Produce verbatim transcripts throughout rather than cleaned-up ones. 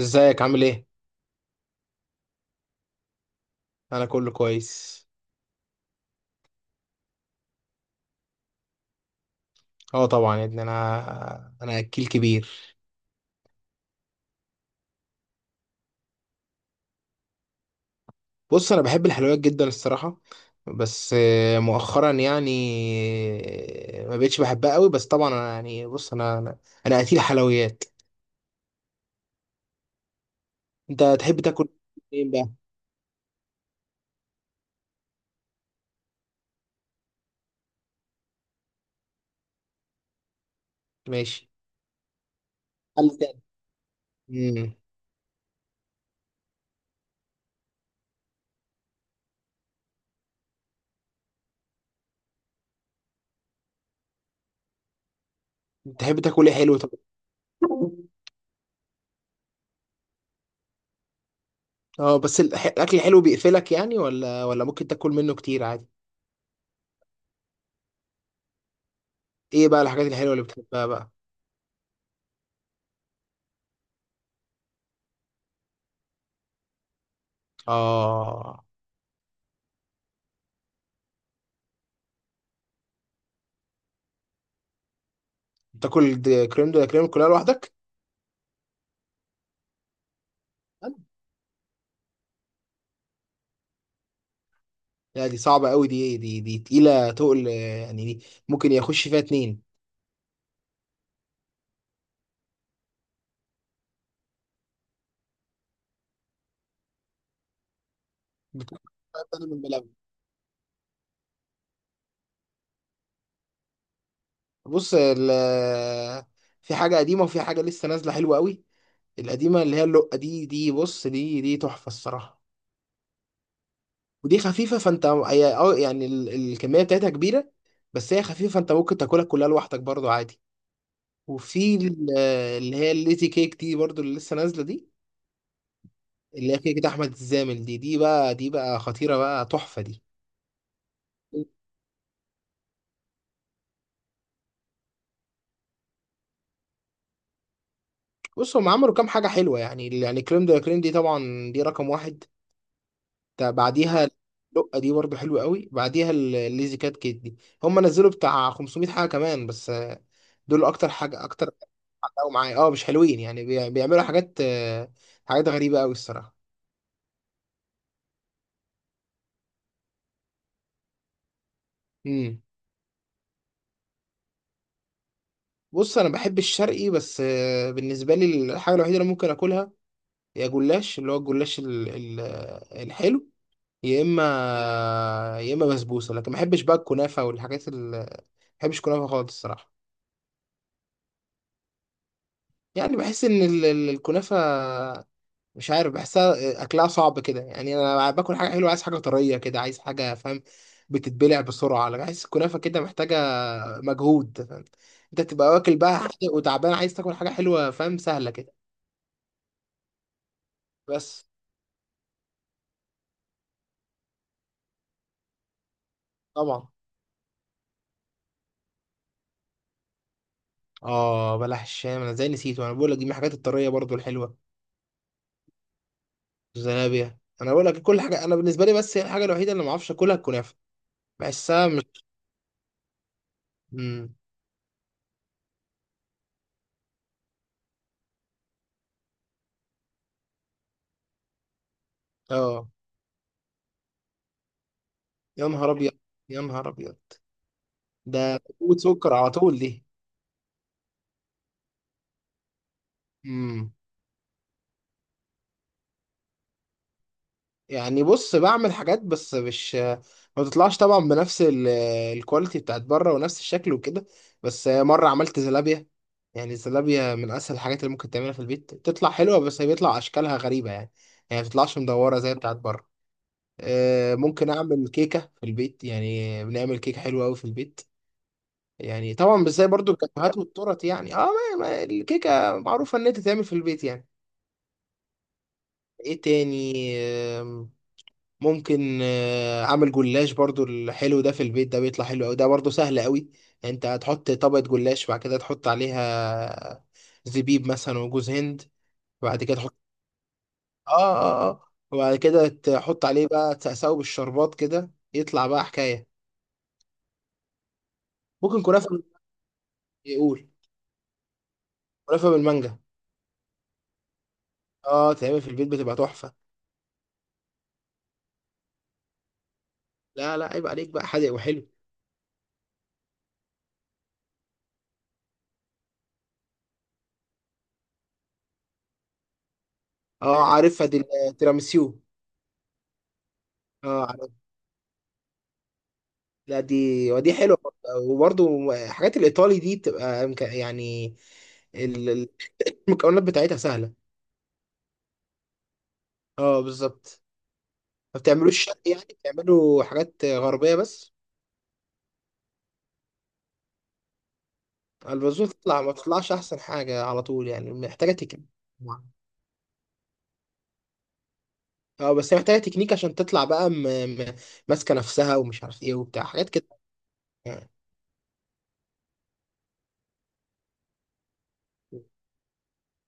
ازيك عامل ايه؟ انا كله كويس. اه طبعا يا ابني، انا انا اكيل كبير. بص انا بحب الحلويات جدا الصراحه، بس آه، مؤخرا يعني. آه، ما بقتش بحبها قوي، بس طبعا انا يعني، بص انا انا انا اكيل حلويات. انت تحب تاكل ايه بقى؟ ماشي. حل تاني. امم. تحب تاكل ايه حلو طب؟ اه بس الح- الاكل الحلو بيقفلك يعني، ولا ولا ممكن تاكل منه كتير عادي؟ ايه بقى الحاجات الحلوه اللي بتحبها بقى؟ اه تاكل د- كريم دولا كريم كلها لوحدك؟ أنا لا، دي صعبة قوي، دي دي دي تقيلة تقل آه، يعني دي ممكن يخش فيها اتنين. بت- أنا من بلاوي. بص ال في حاجة قديمة وفي حاجة لسه نازلة حلوة قوي. القديمة اللي هي اللقة دي، دي بص دي دي تحفة الصراحة. ودي خفيفة فانت، هي اه يعني ال- الكمية بتاعتها كبيرة، بس هي خفيفة فانت ممكن تاكلها كلها لوحدك برضو عادي. وفي ال- اللي هي الليتي كيك دي برضو، اللي لسه نازلة دي، اللي هي كده كده احمد الزامل دي، دي بقى دي بقى خطيره بقى تحفه دي. بص هم عملوا كام حاجه حلوه يعني، يعني كريم ده كريم دي طبعا، دي رقم واحد. تا- بعديها لقه دي برضو حلوه قوي، بعديها ال- الليزي كات كيت دي. هم نزلوا بتاع خمسمائة حاجه كمان بس آه، دول اكتر حاجه، اكتر حاجه معايا. اه مش حلوين يعني، بي- بيعملوا حاجات آه، حاجات غريبه قوي الصراحه. امم. بص انا بحب الشرقي بس آه، بالنسبه لي الحاجه الوحيده اللي ممكن اكلها هي جلاش، اللي هو الجلاش ال- ال- الحلو، يا اما يا اما بسبوسه. لكن ما بحبش بقى الكنافه والحاجات ال ما بحبش الكنافه خالص الصراحه. يعني بحس ان ال- ال- الكنافه مش عارف، بحسها اكلها صعب كده. يعني انا باكل حاجه حلوه عايز حاجه طريه كده، عايز حاجه فاهم بتتبلع بسرعه، لكن بحس الكنافه كده محتاجه مجهود فاهم. انت تبقى واكل بقى حادق وتعبان عايز تاكل حاجه حلوه فاهم سهله كده. بس طبعا. اه بلح الشام، انا ازاي نسيته، انا بقول لك دي من الحاجات الطريه برضو الحلوه. زنابيا انا بقول لك كل حاجه انا بالنسبه لي، بس هي الحاجه الوحيده اللي ما اعرفش اكلها الكنافه. بحسها مش. مم. اه يا نهار ابيض، يا نهار ابيض، ده قوة سكر على طول دي. امم. يعني بص بعمل حاجات، بس مش ما بتطلعش طبعا بنفس ال- الكواليتي بتاعت بره ونفس الشكل وكده. بس مره عملت زلابيا، يعني الزلابيا من اسهل الحاجات اللي ممكن تعملها في البيت، بتطلع حلوه بس هي بيطلع اشكالها غريبه يعني، يعني ما بتطلعش مدوره زي بتاعت بره. آه، ممكن اعمل كيكه في البيت، يعني بنعمل كيكه حلوه قوي في البيت، يعني طبعا مش زي برضو الكافيهات والتورت يعني، اه ما ما الكيكه معروفه ان انت تعمل في البيت يعني. ايه تاني؟ آم، ممكن آه، اعمل جلاش برضو الحلو ده في البيت، ده بيطلع حلو قوي، ده برضو سهل قوي. انت هتحط طبقه جلاش، بعد كده تحط عليها زبيب مثلا وجوز هند، بعد كده تحط، اه اه اه وبعد كده تحط عليه بقى، تساوي بالشربات كده يطلع بقى حكايه. ممكن كنافه. يقول. ملفه بالمانجا. اه تعمل في البيت بتبقى تحفه. لا لا عيب عليك، بقى حادق وحلو. اه عارفها دي، التيراميسيو. اه عارف. لا دي ودي حلوه برضه. وبرضه حاجات الايطالي دي بتبقى مك- يعني، ال- ال- المكونات بتاعتها سهله. اه بالظبط. ما بتعملوش شرق يعني، بتعملوا حاجات غربيه بس. البازون تطلع، ما بتطلعش احسن حاجه على طول يعني، محتاجه تكنيك. اه بس هي محتاجه تكنيك عشان تطلع بقى م... م... ماسكه نفسها، ومش عارف ايه وبتاع حاجات كده يعني.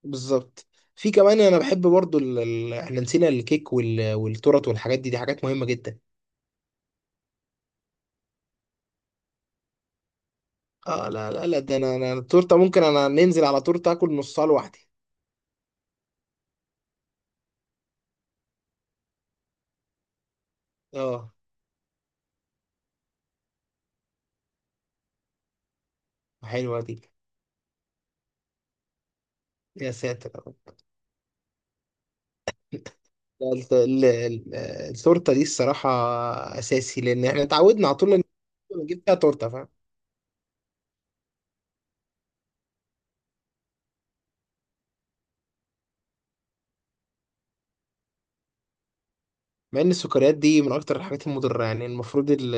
بالظبط. في كمان، انا بحب برضو ال... ال... احنا نسينا الكيك وال... والتورت والحاجات دي، دي حاجات مهمة جدا. اه لا لا لا ده انا انا التورته ممكن انا ننزل على تورته اكل نصها لوحدي. اه حلوه دي. يا ساتر يا رب. لا، الت- ال- ال- التورته دي الصراحه اساسي، لان احنا اتعودنا على طول إن نجيب فيها تورته. مع ان السكريات دي من اكتر الحاجات المضره، يعني المفروض ال...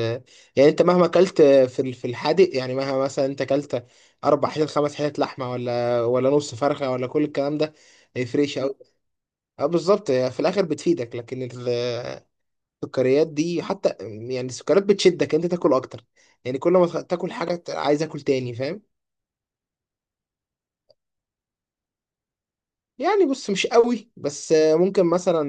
يعني انت مهما اكلت في ال- في الحادق، يعني مهما مثلا انت اكلت اربع حتت خمس حتت لحمه ولا ولا نص فرخه ولا كل الكلام ده، ما يفرقش قوي. اه بالظبط، هي في الاخر بتفيدك لكن ال- السكريات دي حتى، يعني السكريات بتشدك انت تاكل اكتر، يعني كل ما تاكل حاجه عايز اكل تاني فاهم. يعني بص مش قوي، بس ممكن مثلا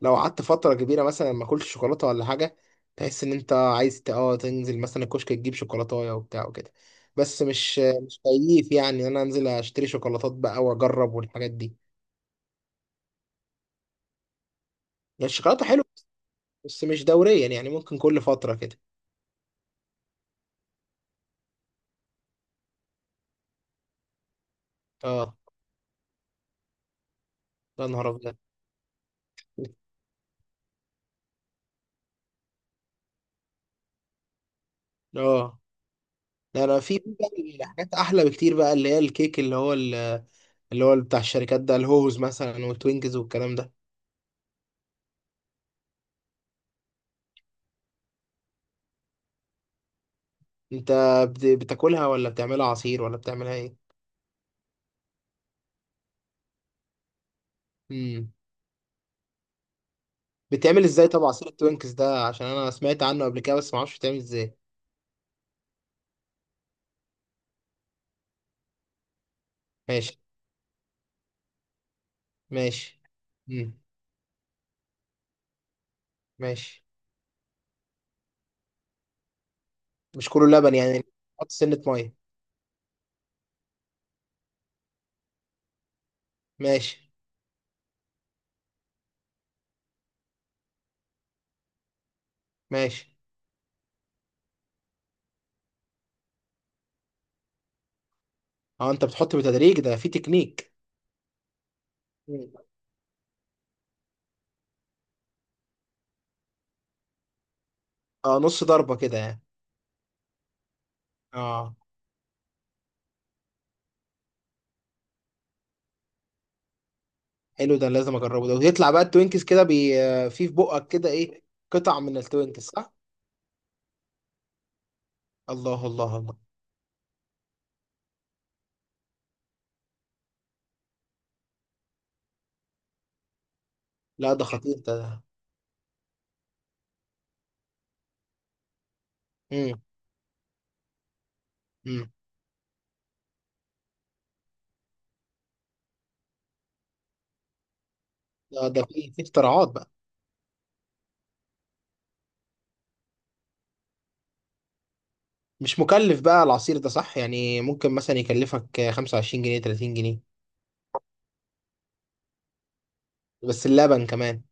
لو قعدت فترة كبيرة مثلا ما اكلتش شوكولاتة ولا حاجة، تحس ان انت عايز ت- اه تنزل مثلا الكشك تجيب شوكولاتاية وبتاع وكده. بس مش مش كيف يعني ان انا انزل اشتري شوكولاتات بقى واجرب والحاجات دي. يعني الشوكولاتة حلوة بس مش دوريا يعني، ممكن كل فترة كده. اه يا نهار ابيض. اه لا انا في في بقى حاجات احلى بكتير بقى، اللي هي الكيك اللي هو ال- اللي هو بتاع الشركات ده، الهوز مثلا والتوينكز والكلام ده. انت بت- بتاكلها ولا بتعملها عصير ولا بتعملها ايه؟ امم. بتعمل ازاي طب عصير التوينكس ده؟ عشان انا سمعت عنه قبل كده بس ما اعرفش بتعمل ازاي. ماشي. ماشي. امم. ماشي. مش كله لبن يعني، حط سنة مية. ماشي. ماشي. اه انت بتحط بتدريج، ده في تكنيك. مم. اه نص ضربة كده يعني. اه حلو، ده لازم اجربه ده. ويطلع بقى التوينكس كده بي آه، في في بقك كده ايه؟ قطع من التوينكس صح؟ الله الله الله. لا ده خطير ده. امم. امم. ده ده في في اختراعات بقى. مش مكلف بقى العصير ده صح يعني؟ ممكن مثلا يكلفك خمسة وعشرين جنيه تلاتين جنيه. بس اللبن كمان